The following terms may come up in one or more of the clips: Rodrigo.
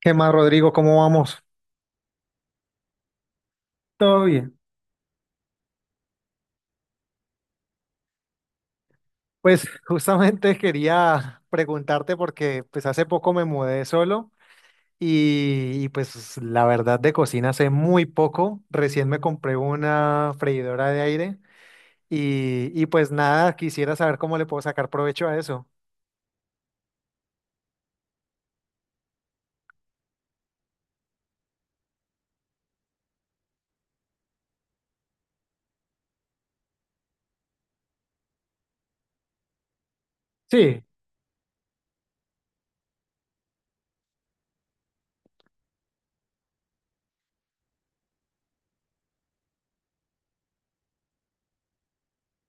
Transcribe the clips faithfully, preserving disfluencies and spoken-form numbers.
¿Qué más, Rodrigo? ¿Cómo vamos? Todo bien. Pues justamente quería preguntarte porque pues hace poco me mudé solo y, y, pues la verdad de cocina sé muy poco. Recién me compré una freidora de aire y, y pues nada, quisiera saber cómo le puedo sacar provecho a eso. Sí,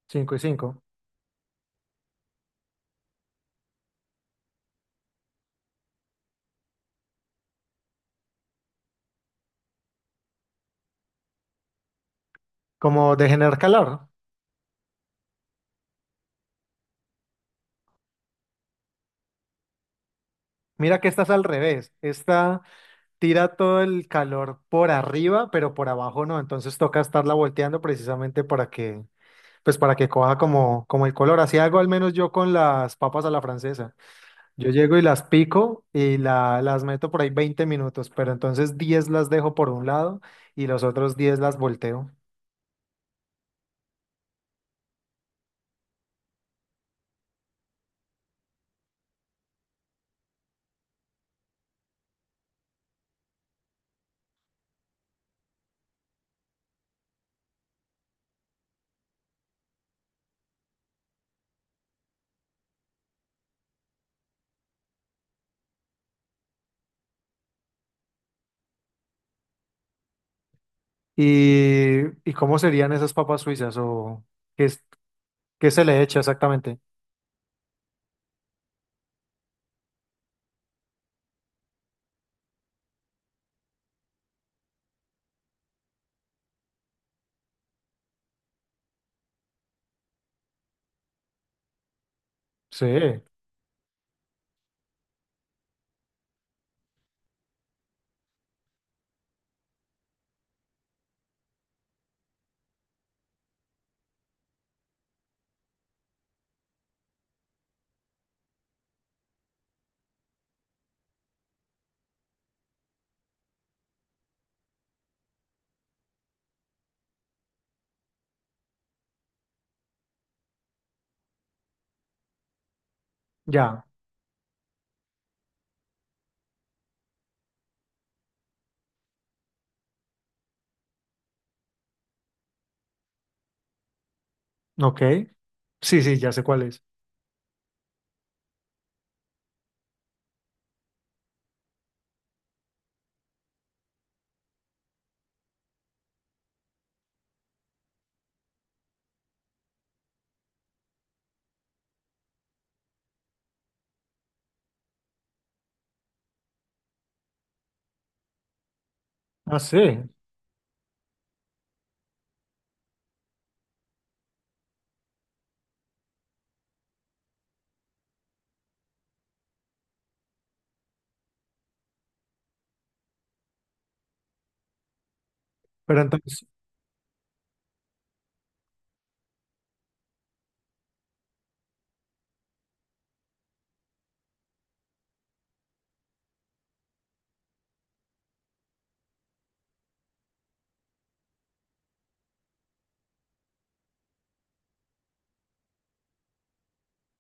cinco y cinco. Como de generar calor. Mira que esta es al revés. Esta tira todo el calor por arriba, pero por abajo no. Entonces toca estarla volteando precisamente para que Pues para que coja como, como el color. Así hago al menos yo con las papas a la francesa. Yo llego y las pico y la- las meto por ahí veinte minutos, pero entonces diez las dejo por un lado y los otros diez las volteo. ¿Y, y cómo serían esas papas suizas o qué, es- qué se le echa exactamente? Sí, ya, ok. Sí, sí, ya sé cuál es. Ah, sí, pero entonces,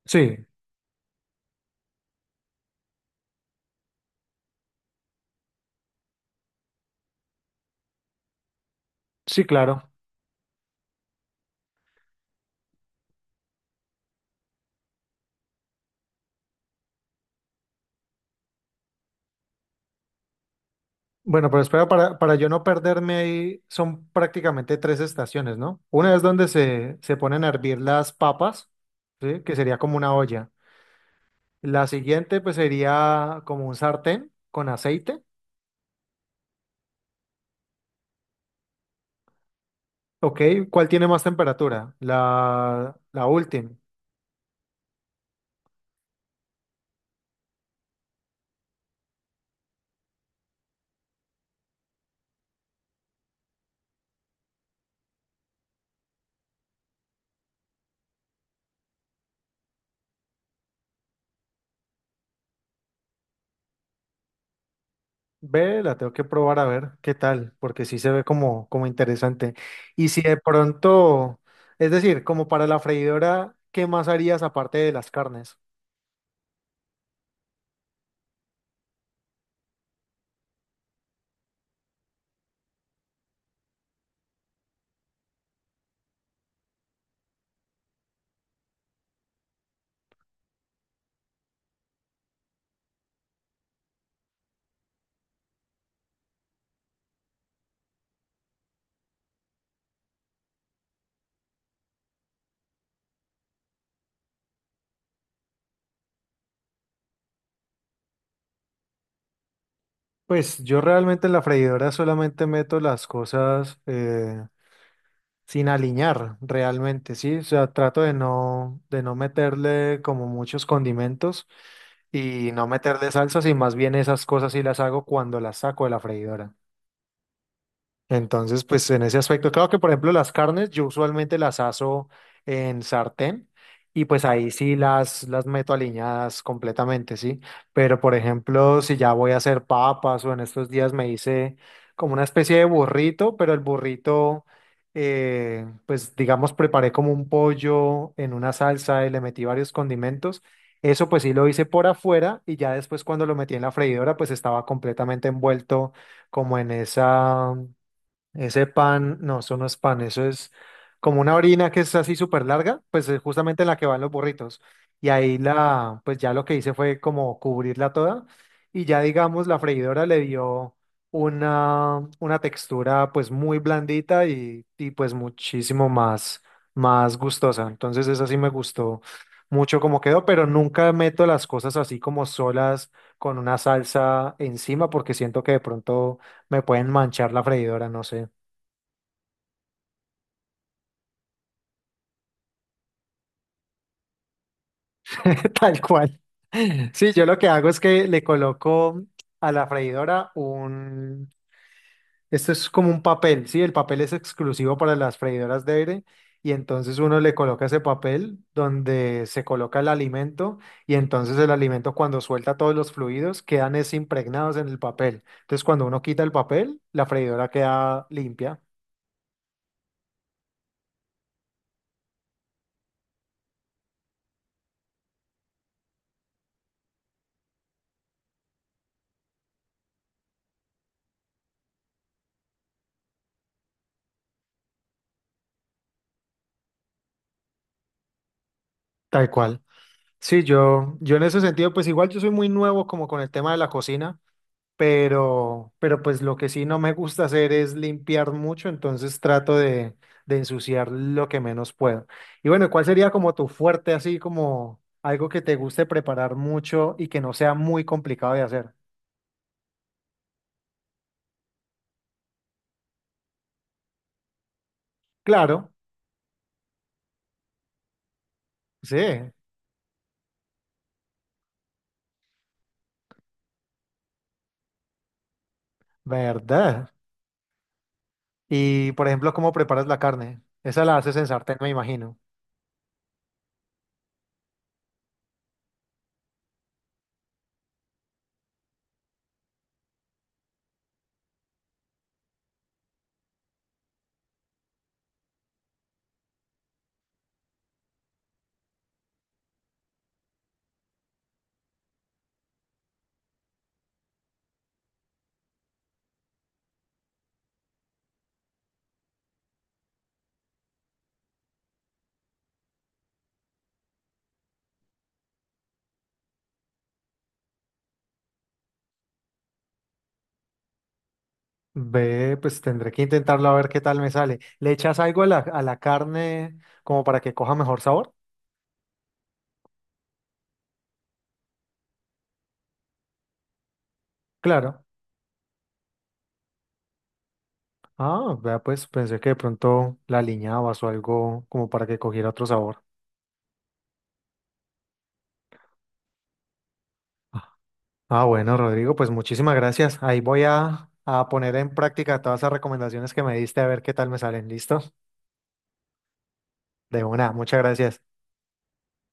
sí, sí, claro. Bueno, pero espera, para, para yo no perderme ahí, son prácticamente tres estaciones, ¿no? Una es donde se, se ponen a hervir las papas, ¿sí? Que sería como una olla. La siguiente, pues sería como un sartén con aceite, ¿ok? ¿Cuál tiene más temperatura? La, la última. Ve, la tengo que probar a ver qué tal, porque sí se ve como, como interesante. Y si de pronto, es decir, como para la freidora, ¿qué más harías aparte de las carnes? Pues yo realmente en la freidora solamente meto las cosas eh, sin aliñar realmente, ¿sí? O sea, trato de no, de no meterle como muchos condimentos y no meterle salsas y más bien esas cosas sí las hago cuando las saco de la freidora. Entonces, pues en ese aspecto, claro que por ejemplo las carnes, yo usualmente las aso en sartén y pues ahí sí las, las meto aliñadas completamente, ¿sí? Pero por ejemplo, si ya voy a hacer papas o en estos días me hice como una especie de burrito, pero el burrito, eh, pues digamos, preparé como un pollo en una salsa y le metí varios condimentos. Eso pues sí lo hice por afuera y ya después cuando lo metí en la freidora, pues estaba completamente envuelto como en esa ese pan, no, eso no es pan, eso es como una orina que es así súper larga, pues es justamente en la que van los burritos. Y ahí la, pues ya lo que hice fue como cubrirla toda y ya digamos la freidora le dio una, una textura pues muy blandita y, y pues muchísimo más, más gustosa. Entonces esa sí me gustó mucho como quedó, pero nunca meto las cosas así como solas con una salsa encima porque siento que de pronto me pueden manchar la freidora, no sé. Tal cual. Sí, yo lo que hago es que le coloco a la freidora un... Esto es como un papel, ¿sí? El papel es exclusivo para las freidoras de aire y entonces uno le coloca ese papel donde se coloca el alimento y entonces el alimento cuando suelta todos los fluidos quedan es impregnados en el papel. Entonces cuando uno quita el papel, la freidora queda limpia. Tal cual. Sí, yo, yo en ese sentido, pues igual yo soy muy nuevo como con el tema de la cocina. pero, pero pues lo que sí no me gusta hacer es limpiar mucho, entonces trato de, de ensuciar lo que menos puedo. Y bueno, ¿cuál sería como tu fuerte, así como algo que te guste preparar mucho y que no sea muy complicado de hacer? Claro, sí, verdad. Y por ejemplo, ¿cómo preparas la carne? Esa la haces en sartén, me imagino. Ve, pues tendré que intentarlo a ver qué tal me sale. ¿Le echas algo a la, a la carne como para que coja mejor sabor? Claro. Ah, vea, pues pensé que de pronto la aliñabas o algo como para que cogiera otro sabor. Ah, ah, bueno, Rodrigo, pues muchísimas gracias. Ahí voy a, a poner en práctica todas esas recomendaciones que me diste a ver qué tal me salen. ¿Listo? De una, muchas gracias.